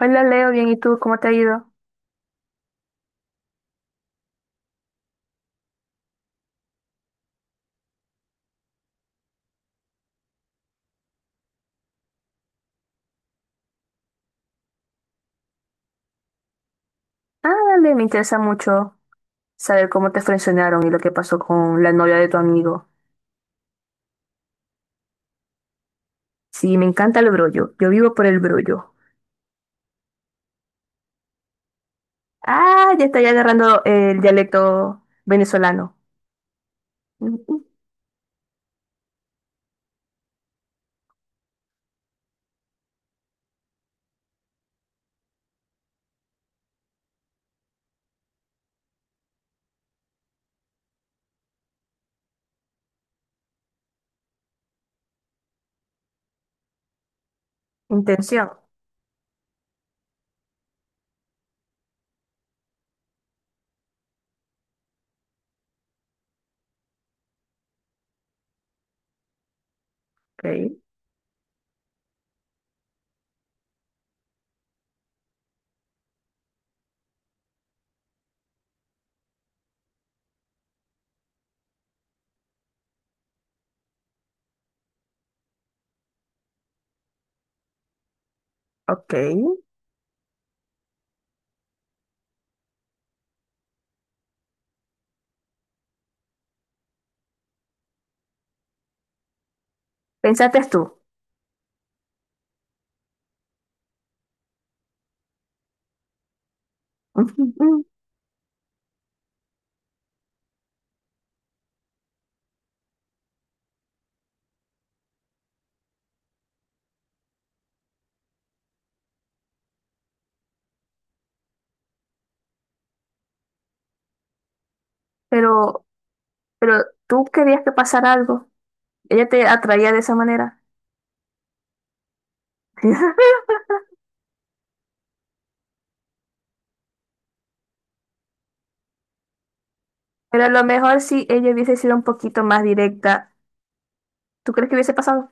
Hola Leo, bien, ¿y tú? ¿Cómo te ha ido? Ah, dale, me interesa mucho saber cómo te frencionaron y lo que pasó con la novia de tu amigo. Sí, me encanta el brollo, yo vivo por el brollo. Ah, ya está ya agarrando el dialecto venezolano. Ujú. Intención. Ok, ok. Pensaste tú. Ujú, ujú. Pero, pero tú querías que pasara algo. Ella te atraía de esa manera. Pero a lo mejor si ella hubiese sido un poquito más directa, ¿tú crees que hubiese pasado?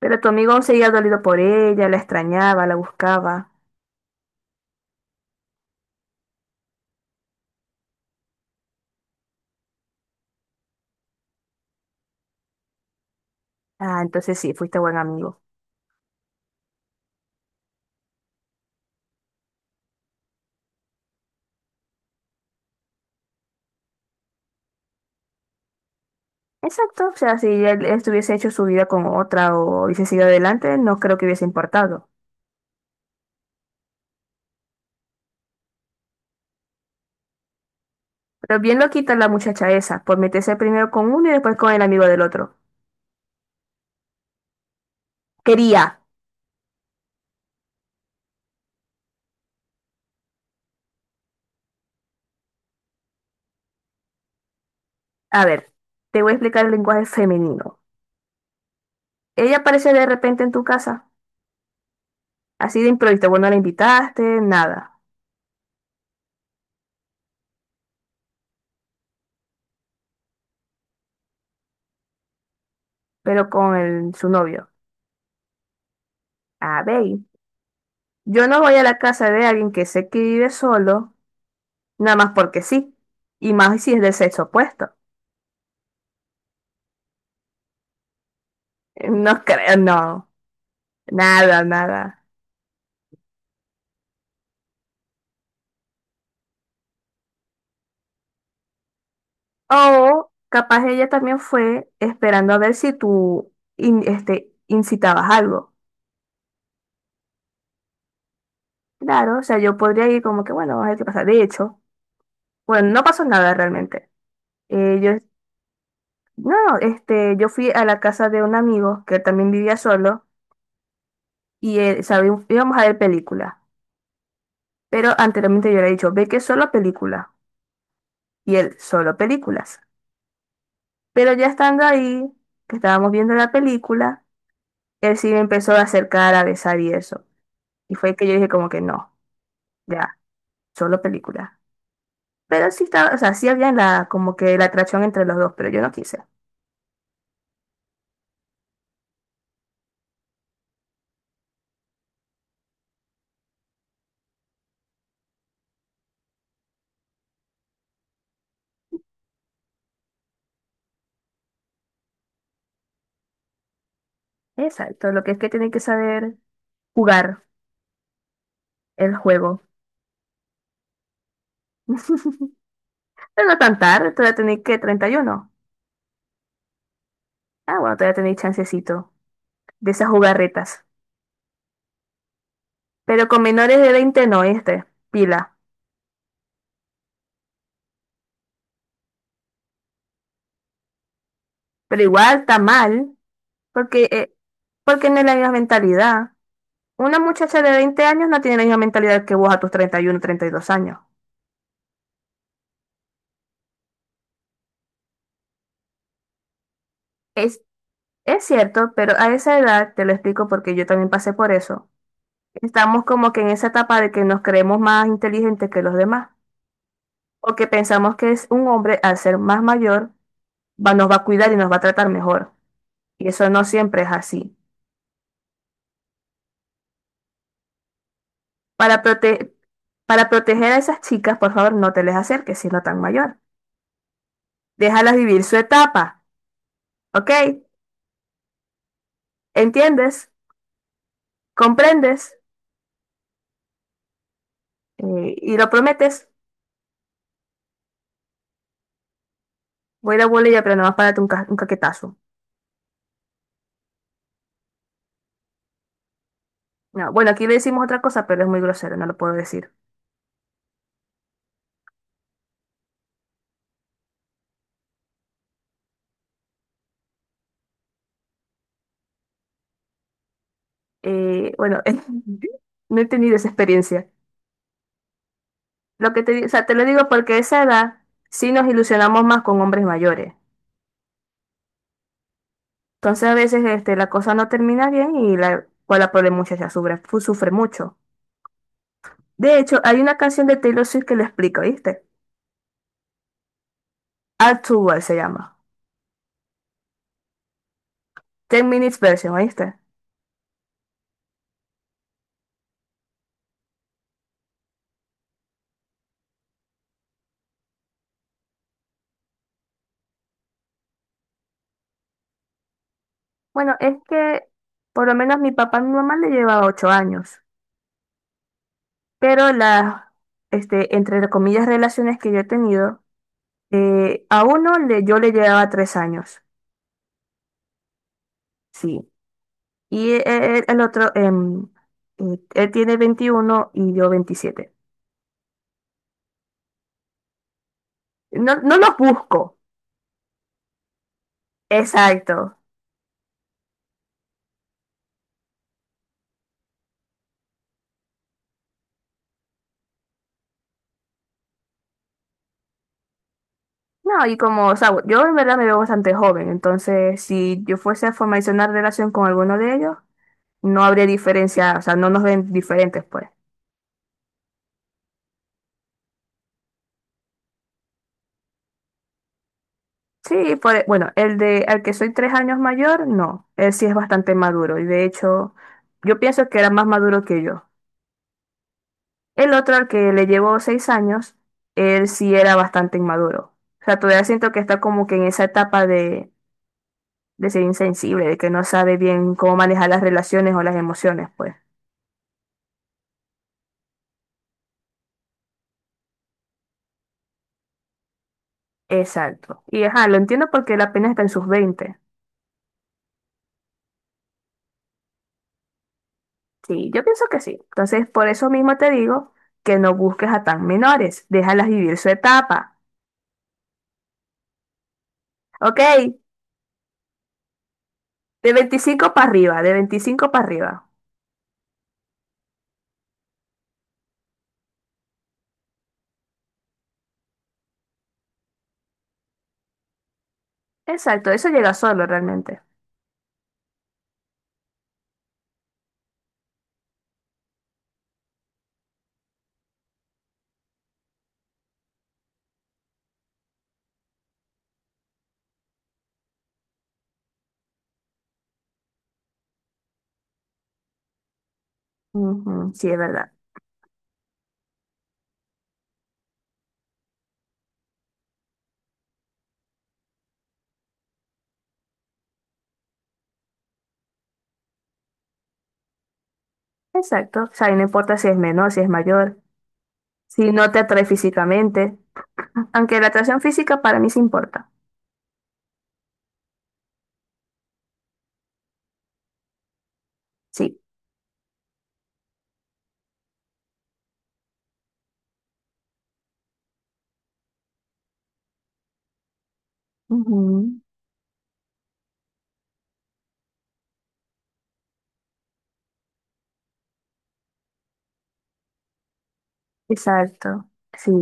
Pero tu amigo seguía dolido por ella, la extrañaba, la buscaba. Ah, entonces sí, fuiste buen amigo. Exacto, o sea, si él estuviese hecho su vida con otra o hubiese seguido adelante, no creo que hubiese importado. Pero bien lo quita la muchacha esa, por meterse primero con uno y después con el amigo del otro. Quería. A ver, te voy a explicar el lenguaje femenino. Ella aparece de repente en tu casa, así de improviso, vos no la invitaste, nada, pero con el- su novio. A ver, yo no voy a la casa de alguien que sé que vive solo. Nada más porque sí. Y más si es del sexo opuesto. No creo, no. Nada, nada. O capaz ella también fue esperando a ver si tú incitabas algo. Claro, o sea, yo podría ir como que, bueno, vamos a ver qué pasa. De hecho, bueno, no pasó nada realmente. Yo, no, yo fui a la casa de un amigo que también vivía solo y él, sabe, íbamos a ver películas. Pero anteriormente yo le he dicho, ve que solo películas. Y él, solo películas. Pero ya estando ahí, que estábamos viendo la película, él sí me empezó a acercar, a besar y eso. Y fue que yo dije como que no, ya, solo película. Pero sí estaba, o sea, sí había la, como que la atracción entre los dos, pero yo no quise. Exacto, lo que es que tienen que saber jugar el juego. Pero no tan tarde, todavía tenéis que 31. Ah, bueno, todavía tenéis chancecito de esas jugarretas. Pero con menores de 20 no, pila. Pero igual está mal, porque, porque no es la misma mentalidad. Una muchacha de 20 años no tiene la misma mentalidad que vos a tus 31, 32 años. Es, es cierto, pero a esa edad, te lo explico porque yo también pasé por eso, estamos como que en esa etapa de que nos creemos más inteligentes que los demás, o que pensamos que es un hombre al ser más mayor, va, nos va a cuidar y nos va a tratar mejor. Y eso no siempre es así. Para prote- para proteger a esas chicas, por favor, no te les acerques siendo tan mayor. Déjalas vivir su etapa, ¿ok? ¿Entiendes? ¿Comprendes? Y lo prometes, voy a ir a Bolivia, pero nomás párate un caquetazo. No, bueno, aquí le decimos otra cosa, pero es muy grosero, no lo puedo decir. Bueno, no he tenido esa experiencia. Lo que o sea, te lo digo porque a esa edad sí nos ilusionamos más con hombres mayores. Entonces a veces la cosa no termina bien y pues, la pobre muchacha sufre mucho. De hecho, hay una canción de Taylor Swift que lo explica, ¿viste? Add to World se llama. "Ten Minutes Version, ¿oíste? Bueno, es que por lo menos mi papá y mi mamá le llevaba 8 años, pero las, entre comillas, relaciones que yo he tenido, a uno le, yo le llevaba 3 años, sí, y el otro, él tiene 21 y yo 27. No, no los busco, exacto. No, y como, o sea, yo en verdad me veo bastante joven, entonces si yo fuese a formalizar una relación con alguno de ellos, no habría diferencia, o sea, no nos ven diferentes, pues. Sí, bueno, el de al que soy 3 años mayor, no, él sí es bastante maduro y de hecho yo pienso que era más maduro que yo. El otro al que le llevo 6 años, él sí era bastante inmaduro. O sea, todavía siento que está como que en esa etapa de ser insensible, de que no sabe bien cómo manejar las relaciones o las emociones, pues. Exacto. Y ajá, lo entiendo porque él apenas está en sus veinte. Sí, yo pienso que sí. Entonces, por eso mismo te digo que no busques a tan menores, déjalas vivir su etapa. Ok, de 25 para arriba, de 25 para arriba. Exacto, eso llega solo realmente. Ujú, sí, es verdad. Exacto. O sea, y no importa si es menor, si es mayor, si no te atrae físicamente. Aunque la atracción física para mí sí importa. Sí. Ujú, exacto. Sí.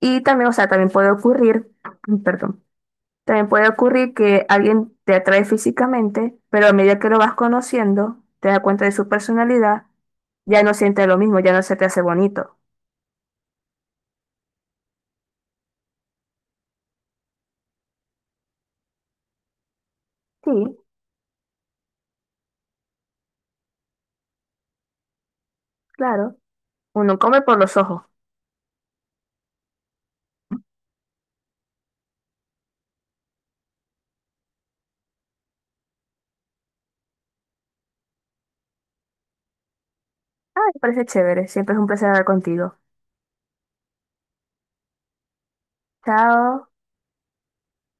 Y también, o sea, también puede ocurrir, perdón, también puede ocurrir que alguien te atrae físicamente, pero a medida que lo vas conociendo, te das cuenta de su personalidad, ya no sientes lo mismo, ya no se te hace bonito. Sí, claro. Uno come por los ojos. Ah, me parece chévere. Siempre es un placer hablar contigo. Chao.